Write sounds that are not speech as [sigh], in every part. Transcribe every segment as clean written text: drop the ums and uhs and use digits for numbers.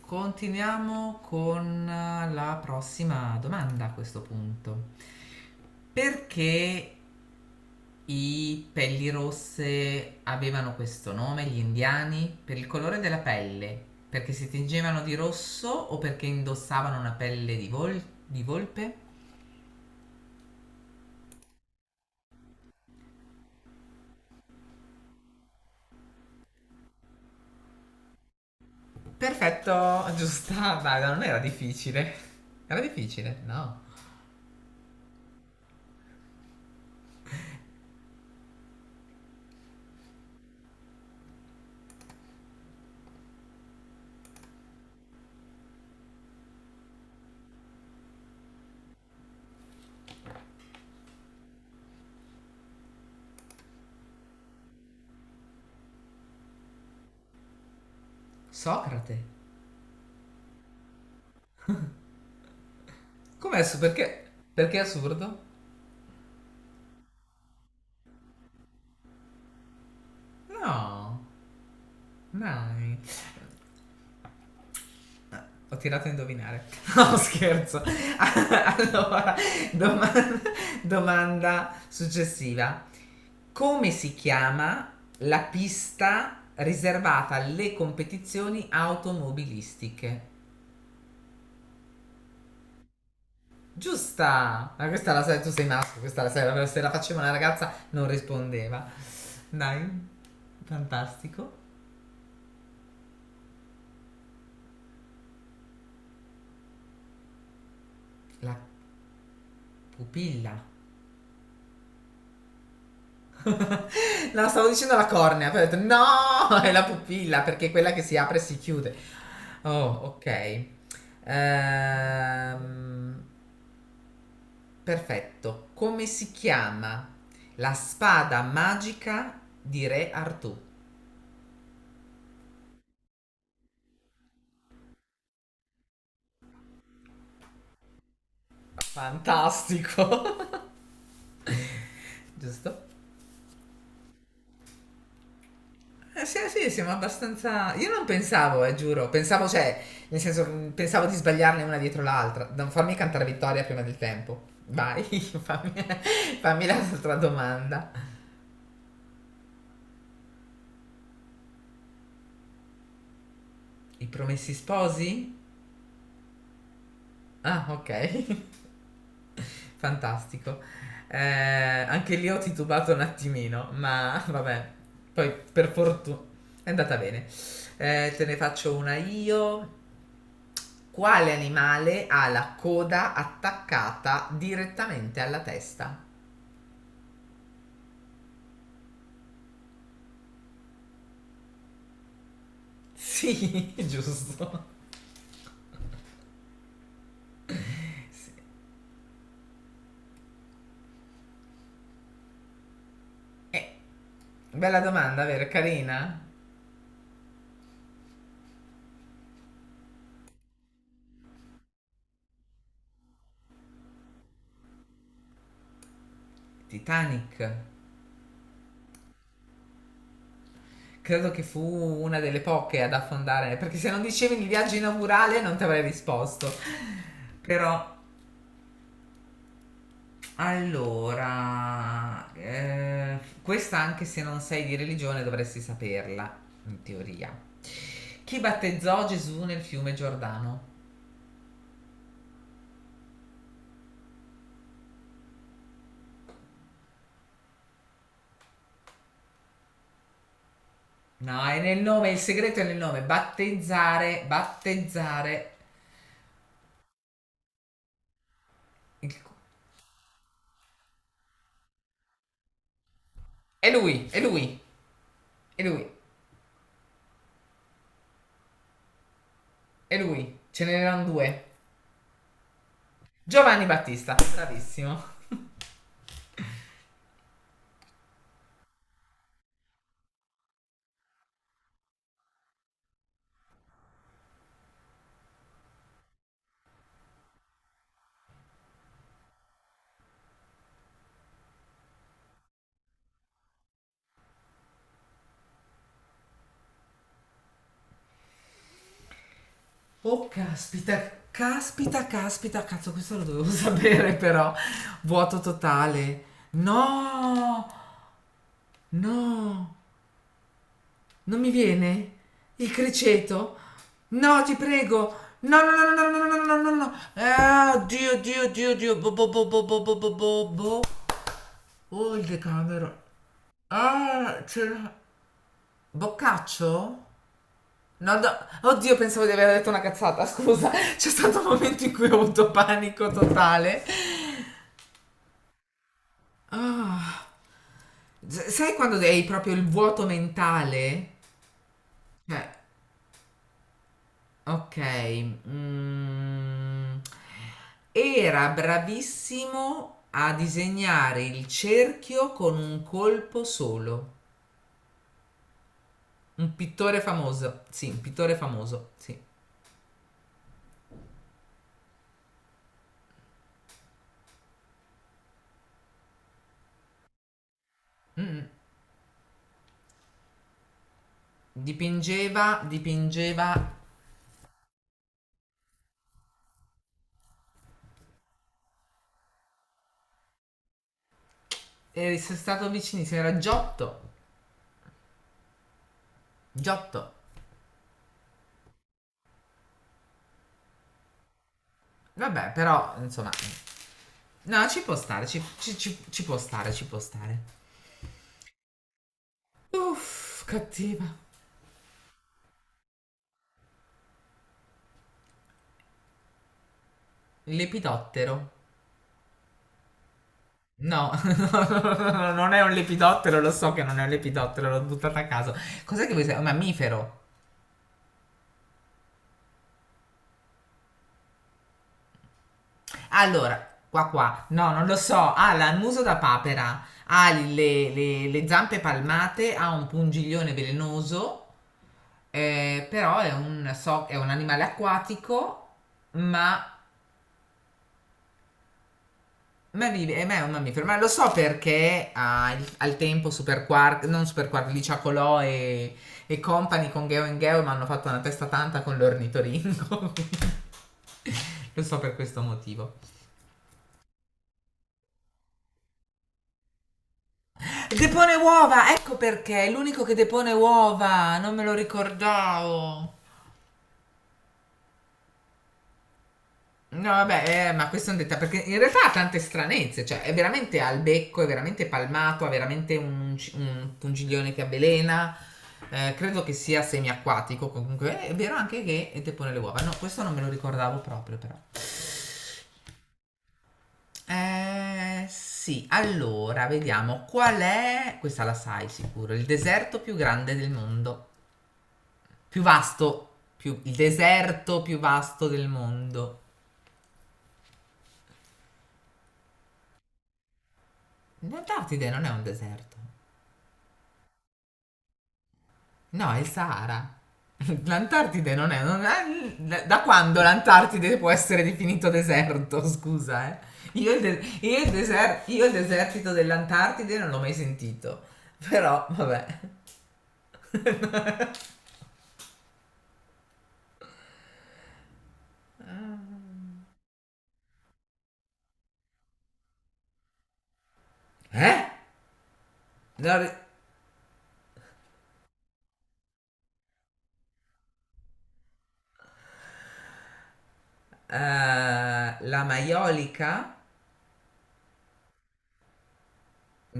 Continuiamo con la prossima domanda a questo punto. Perché i pelli rosse avevano questo nome, gli indiani? Per il colore della pelle? Perché si tingevano di rosso o perché indossavano una pelle di volpe? Perfetto, giusta, dai, non era difficile. Era difficile, no. Socrate. Com'è su perché? Perché è assurdo? No, dai. Ho tirato a indovinare. [laughs] No, scherzo. Allora, domanda, domanda successiva. Come si chiama la pista riservata alle competizioni automobilistiche? Giusta! Ma questa la sai, tu sei maschio, questa la sai, se la faceva una ragazza non rispondeva. Dai, fantastico. La pupilla. [laughs] No, stavo dicendo la cornea, poi ho detto no, è la pupilla perché è quella che si apre e si chiude. Oh, ok. Ehm, Perfetto. Come si chiama la spada magica di Re Artù? Fantastico. [laughs] Giusto? Sì, sì, siamo abbastanza. Io non pensavo, giuro. Pensavo, cioè, nel senso, pensavo di sbagliarne una dietro l'altra. Non farmi cantare vittoria prima del tempo. Vai, [laughs] fammi l'altra domanda. I promessi sposi? Ah, ok. [laughs] Fantastico. Anche lì ho titubato un attimino, ma vabbè. Poi, per fortuna, è andata bene. Te ne faccio una io. Quale animale ha la coda attaccata direttamente alla testa? [laughs] Sì, giusto. Eh, Bella domanda, vero? Carina. Titanic. Credo che fu una delle poche ad affondare, perché se non dicevi il viaggio inaugurale non ti avrei risposto. Però, allora, questa anche se non sei di religione dovresti saperla, in teoria. Chi battezzò Gesù nel fiume Giordano? No, è nel nome, il segreto è nel nome. Battezzare, battezzare. Il cu- È lui, è lui, è lui, è lui. Ce n'erano due. Giovanni Battista, bravissimo. Oh, caspita, caspita, caspita, cazzo, questo lo dovevo [laughs] sapere però. Vuoto totale. No, no. Non mi viene? Il criceto? No, ti prego! No, no, no, no, no, no, no, no, no, no! Ah, Dio, Dio, Dio, Dio! Bo, bo, bo, bo, bo, bo, bo, bo, bo. Oh, il decamero! Ah, c'era. Boccaccio? No, no, oddio, pensavo di aver detto una cazzata, scusa. C'è stato un momento in cui ho avuto panico totale. Ah, sai quando hai proprio il vuoto mentale? Cioè, okay, era bravissimo a disegnare il cerchio con un colpo solo. Un pittore famoso, sì, un pittore famoso, sì. Mh-mh. Dipingeva, dipingeva, e sei stato vicinissimo, era Giotto, Giotto. Vabbè, però, insomma, no, ci può stare, ci può stare, ci può stare. Uff, cattiva. Lepidottero. No, [laughs] non è un lepidottero, lo so che non è un lepidottero, l'ho buttato a caso. Cos'è che vuoi sapere? Un mammifero. Allora, qua qua, no, non lo so. Ha il muso da papera, ha le zampe palmate, ha un pungiglione velenoso, però è un animale acquatico, ma ma vive, ma è un mammifero, ma lo so perché ha al tempo Super Quark, non Super Quark, Licia Colò e, Company con Geo and Geo mi hanno fatto una testa tanta con l'ornitoringo. [laughs] Lo so per questo motivo. Depone uova, ecco perché, è l'unico che depone uova, non me lo ricordavo. No, vabbè, ma questo è un dettaglio, perché in realtà ha tante stranezze, cioè è veramente al becco, è veramente palmato, ha veramente un pungiglione che avvelena, credo che sia semiacquatico, comunque è vero anche che depone le uova, no, questo non me lo ricordavo proprio però. Sì, allora, vediamo, qual è, questa la sai sicuro, il deserto più grande del mondo, più vasto, il deserto più vasto del mondo. Non darti idea, non è un deserto, no, è il Sahara. [laughs] L'Antartide non è, non è- Da quando l'Antartide può essere definito deserto? [laughs] Scusa, eh. Io il, de- io il deser- io il desertito dell'Antartide non l'ho mai sentito. Però, vabbè. Eh? Non ri- La maiolica?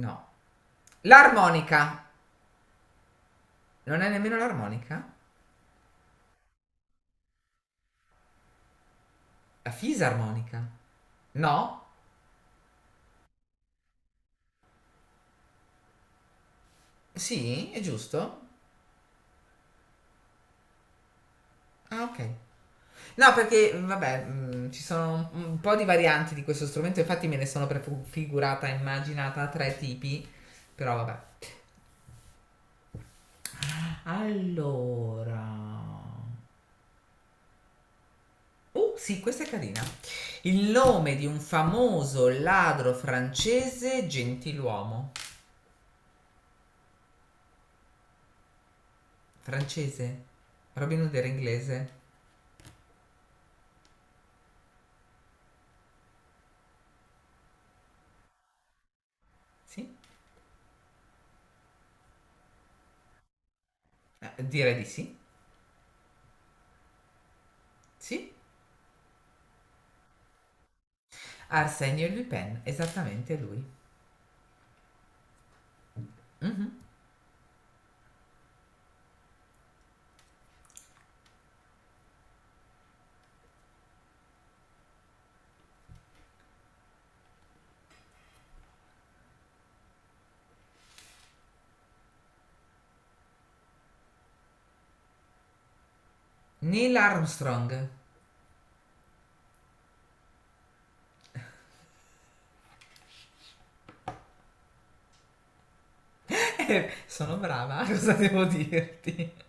No. L'armonica? Non è nemmeno l'armonica? La fisarmonica? No? Sì, è giusto? Ah, ok. No, perché vabbè, ci sono un po' di varianti di questo strumento, infatti me ne sono prefigurata, immaginata tre tipi, però vabbè. Allora. Oh, sì, questa è carina. Il nome di un famoso ladro francese gentiluomo. Francese? Robin Hood era inglese? Sì? Direi di sì. Sì? Arsenio Lupin, esattamente lui. Neil Armstrong. [laughs] Sono brava, cosa devo dirti?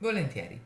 Volentieri.